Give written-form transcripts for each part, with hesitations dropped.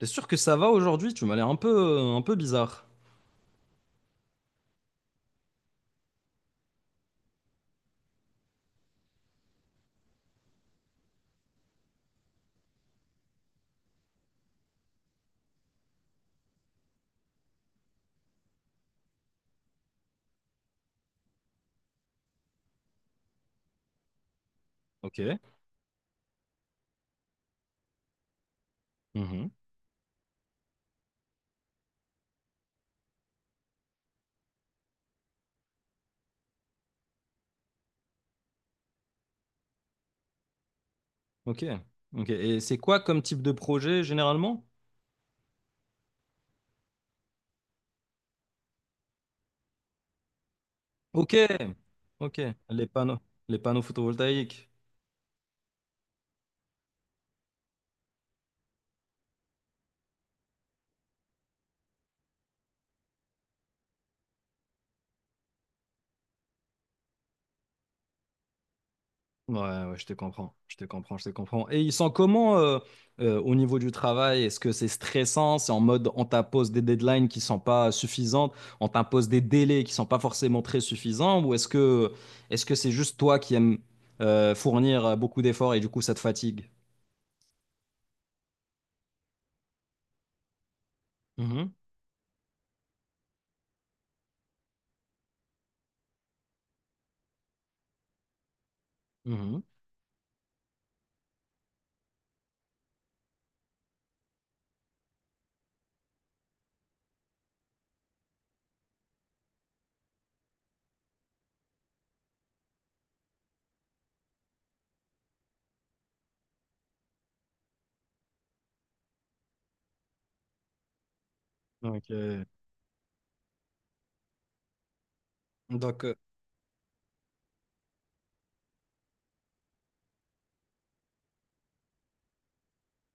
T'es sûr que ça va aujourd'hui? Tu m'as l'air un peu bizarre. Ok. Mhm. Ok. Ok. Et c'est quoi comme type de projet généralement? Ok. Ok. Les panneaux, les panneaux photovoltaïques. Ouais, ouais, je te comprends. Je te comprends. Je te comprends. Et ils sont comment au niveau du travail? Est-ce que c'est stressant? C'est en mode on t'impose des deadlines qui sont pas suffisantes, on t'impose des délais qui sont pas forcément très suffisants, ou est-ce que c'est juste toi qui aimes fournir beaucoup d'efforts et du coup ça te fatigue? Mhm. Ok. Donc,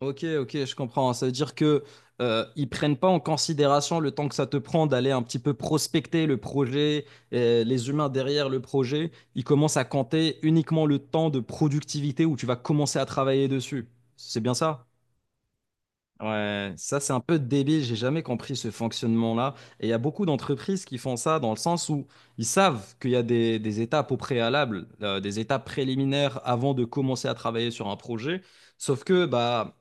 ok, ok, je comprends. Ça veut dire que ils prennent pas en considération le temps que ça te prend d'aller un petit peu prospecter le projet, les humains derrière le projet. Ils commencent à compter uniquement le temps de productivité où tu vas commencer à travailler dessus. C'est bien ça? Ouais, ça c'est un peu débile, j'ai jamais compris ce fonctionnement-là. Et il y a beaucoup d'entreprises qui font ça dans le sens où ils savent qu'il y a des étapes au préalable, des étapes préliminaires avant de commencer à travailler sur un projet, sauf que bah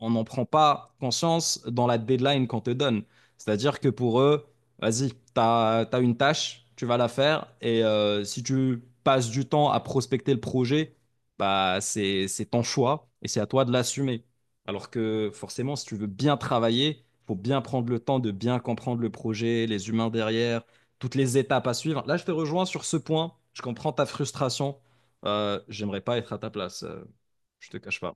on n'en prend pas conscience dans la deadline qu'on te donne. C'est-à-dire que pour eux, vas-y, t'as, t'as une tâche, tu vas la faire, et si tu passes du temps à prospecter le projet, bah c'est ton choix et c'est à toi de l'assumer. Alors que forcément, si tu veux bien travailler, il faut bien prendre le temps de bien comprendre le projet, les humains derrière, toutes les étapes à suivre. Là, je te rejoins sur ce point. Je comprends ta frustration. J'aimerais pas être à ta place. Je te cache pas.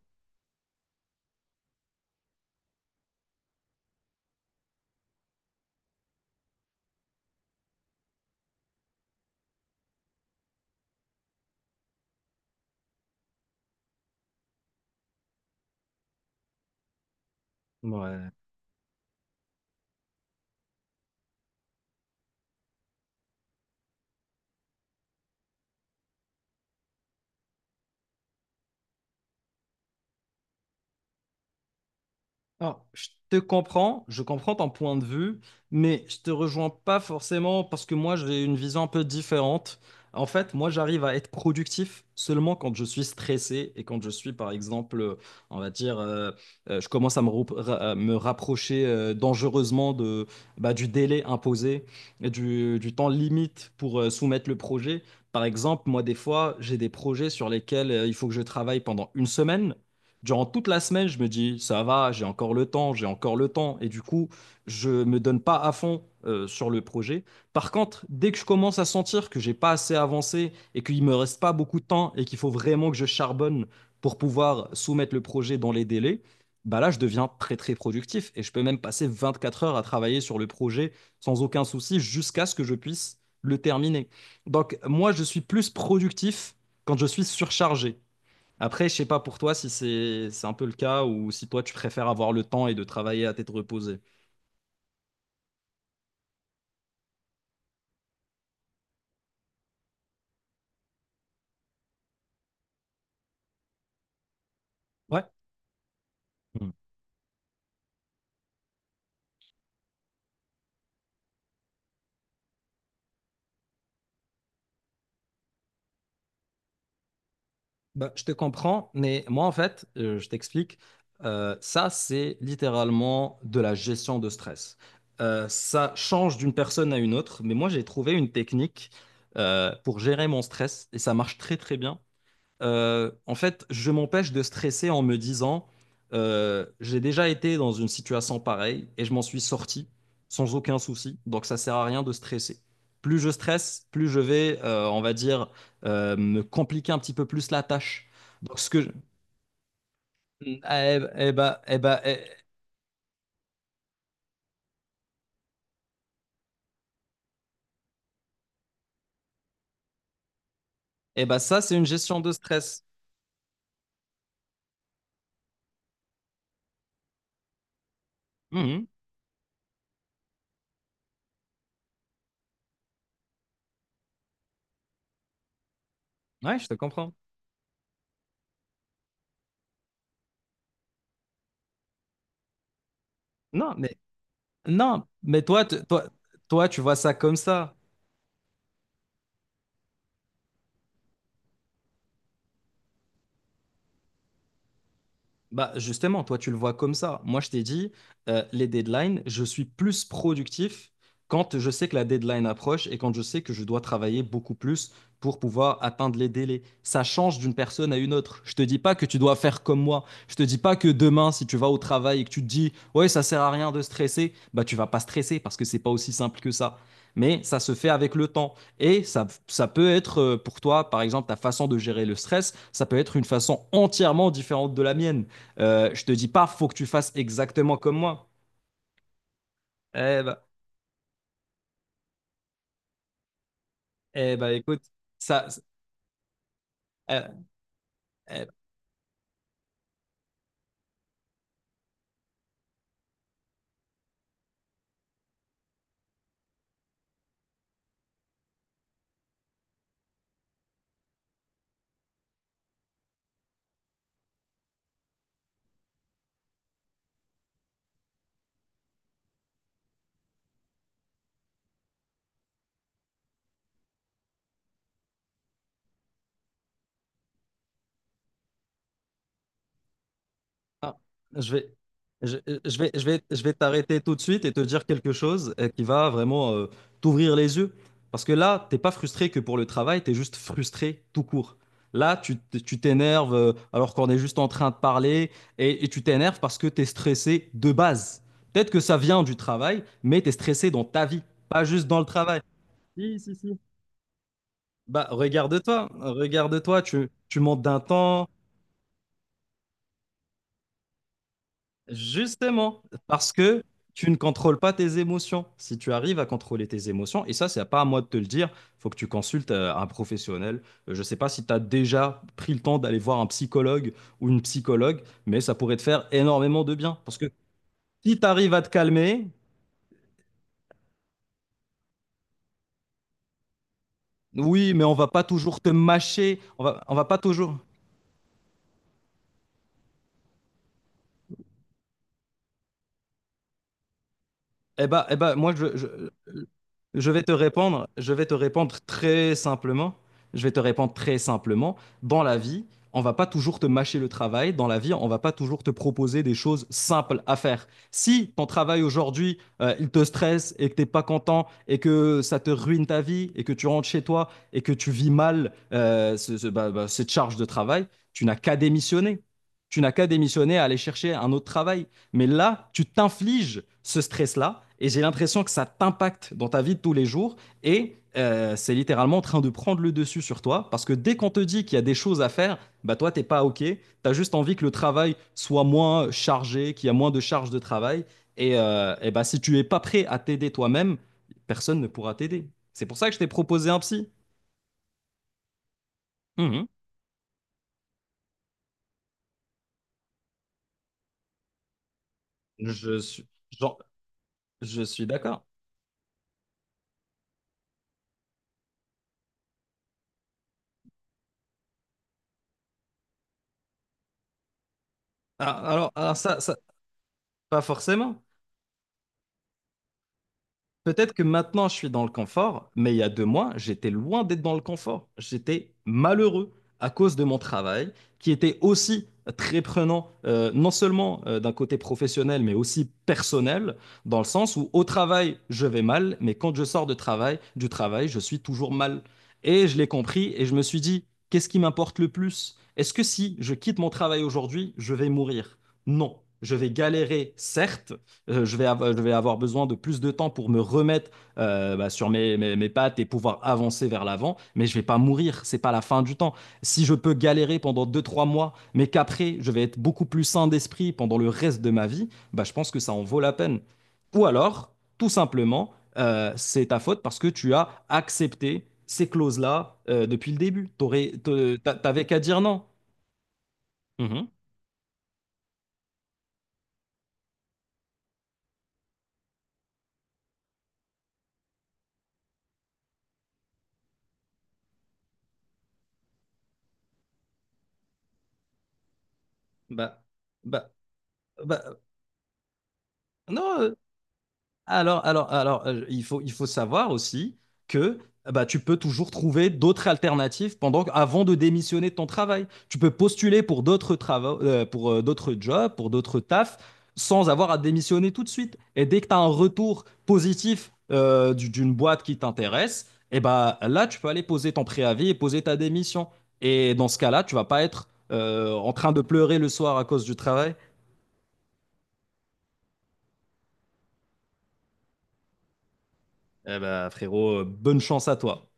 Ouais. Alors, je te comprends, je comprends ton point de vue, mais je te rejoins pas forcément parce que moi, j'ai une vision un peu différente. En fait, moi, j'arrive à être productif seulement quand je suis stressé et quand je suis, par exemple, on va dire, je commence à me rapprocher dangereusement de, bah, du délai imposé, et du temps limite pour soumettre le projet. Par exemple, moi, des fois, j'ai des projets sur lesquels il faut que je travaille pendant une semaine. Durant toute la semaine, je me dis, ça va, j'ai encore le temps, j'ai encore le temps. Et du coup, je ne me donne pas à fond sur le projet. Par contre, dès que je commence à sentir que j'ai pas assez avancé et qu'il me reste pas beaucoup de temps et qu'il faut vraiment que je charbonne pour pouvoir soumettre le projet dans les délais, bah là, je deviens très, très productif. Et je peux même passer 24 heures à travailler sur le projet sans aucun souci jusqu'à ce que je puisse le terminer. Donc, moi, je suis plus productif quand je suis surchargé. Après, je sais pas pour toi si c'est un peu le cas ou si toi tu préfères avoir le temps et de travailler à tête reposée. Ouais. Mm. Bah, je te comprends, mais moi en fait, je t'explique, ça c'est littéralement de la gestion de stress. Ça change d'une personne à une autre, mais moi j'ai trouvé une technique pour gérer mon stress et ça marche très très bien. En fait, je m'empêche de stresser en me disant, j'ai déjà été dans une situation pareille et je m'en suis sorti sans aucun souci. Donc, ça sert à rien de stresser. Plus je stresse, plus je vais, on va dire, me compliquer un petit peu plus la tâche. Donc, Mm, ah, Eh, eh bah, eh bah, eh, eh bah, ça, c'est une gestion de stress. Mhm. Ouais, je te comprends. Non, mais non, mais toi, tu vois ça comme ça. Bah justement, toi, tu le vois comme ça. Moi, je t'ai dit, les deadlines, je suis plus productif quand je sais que la deadline approche et quand je sais que je dois travailler beaucoup plus pour pouvoir atteindre les délais. Ça change d'une personne à une autre. Je te dis pas que tu dois faire comme moi. Je te dis pas que demain, si tu vas au travail et que tu te dis, ouais, ça sert à rien de stresser, bah tu vas pas stresser parce que c'est pas aussi simple que ça. Mais ça se fait avec le temps. Et ça peut être pour toi, par exemple, ta façon de gérer le stress, ça peut être une façon entièrement différente de la mienne. Je te dis pas, faut que tu fasses exactement comme moi. Eh bah, eh bah, écoute, ça, eh- eh bah, ah, je vais, je, je vais t'arrêter tout de suite et te dire quelque chose qui va vraiment t'ouvrir les yeux. Parce que là, t'es pas frustré que pour le travail, t'es juste frustré tout court. Là, tu t'énerves alors qu'on est juste en train de parler et tu t'énerves parce que t'es stressé de base. Peut-être que ça vient du travail, mais t'es stressé dans ta vie, pas juste dans le travail. Si, si, si. Bah, regarde-toi, regarde-toi, tu montes d'un temps, justement, parce que tu ne contrôles pas tes émotions. Si tu arrives à contrôler tes émotions, et ça, c'est pas à moi de te le dire, faut que tu consultes un professionnel. Je sais pas si tu as déjà pris le temps d'aller voir un psychologue ou une psychologue, mais ça pourrait te faire énormément de bien. Parce que si tu arrives à te calmer, oui, mais on va pas toujours te mâcher, on va pas toujours. Eh ben, moi, je vais te répondre, je vais te répondre, très simplement. Je vais te répondre très simplement. Dans la vie, on va pas toujours te mâcher le travail. Dans la vie, on va pas toujours te proposer des choses simples à faire. Si ton travail aujourd'hui, il te stresse et que t'es pas content et que ça te ruine ta vie et que tu rentres chez toi et que tu vis mal bah, bah, cette charge de travail, tu n'as qu'à démissionner. Tu n'as qu'à démissionner, à aller chercher un autre travail. Mais là, tu t'infliges ce stress-là et j'ai l'impression que ça t'impacte dans ta vie de tous les jours et c'est littéralement en train de prendre le dessus sur toi parce que dès qu'on te dit qu'il y a des choses à faire, bah toi, t'es pas OK. T'as juste envie que le travail soit moins chargé, qu'il y a moins de charge de travail. Et bah, si tu es pas prêt à t'aider toi-même, personne ne pourra t'aider. C'est pour ça que je t'ai proposé un psy. Mhm. Je suis, genre, je suis d'accord. Ah, pas forcément. Peut-être que maintenant je suis dans le confort, mais il y a 2 mois, j'étais loin d'être dans le confort. J'étais malheureux à cause de mon travail, qui était aussi très prenant, non seulement d'un côté professionnel, mais aussi personnel, dans le sens où au travail, je vais mal, mais quand je sors de travail, du travail, je suis toujours mal. Et je l'ai compris et je me suis dit, qu'est-ce qui m'importe le plus? Est-ce que si je quitte mon travail aujourd'hui, je vais mourir? Non, je vais galérer, certes, je vais avoir besoin de plus de temps pour me remettre bah, sur mes, mes, mes pattes et pouvoir avancer vers l'avant, mais je vais pas mourir, c'est pas la fin du temps. Si je peux galérer pendant deux trois mois, mais qu'après, je vais être beaucoup plus sain d'esprit pendant le reste de ma vie, bah, je pense que ça en vaut la peine. Ou alors, tout simplement, c'est ta faute parce que tu as accepté ces clauses-là depuis le début. T'avais qu'à dire non. Mhm. Bah, bah, bah, non, Alors, il faut savoir aussi que bah, tu peux toujours trouver d'autres alternatives pendant, avant de démissionner de ton travail. Tu peux postuler pour d'autres travaux, pour d'autres jobs, pour d'autres tafs, sans avoir à démissionner tout de suite. Et dès que tu as un retour positif d'une boîte qui t'intéresse, et bah, là, tu peux aller poser ton préavis et poser ta démission. Et dans ce cas-là, tu vas pas être en train de pleurer le soir à cause du travail. Eh bah, frérot, bonne chance à toi.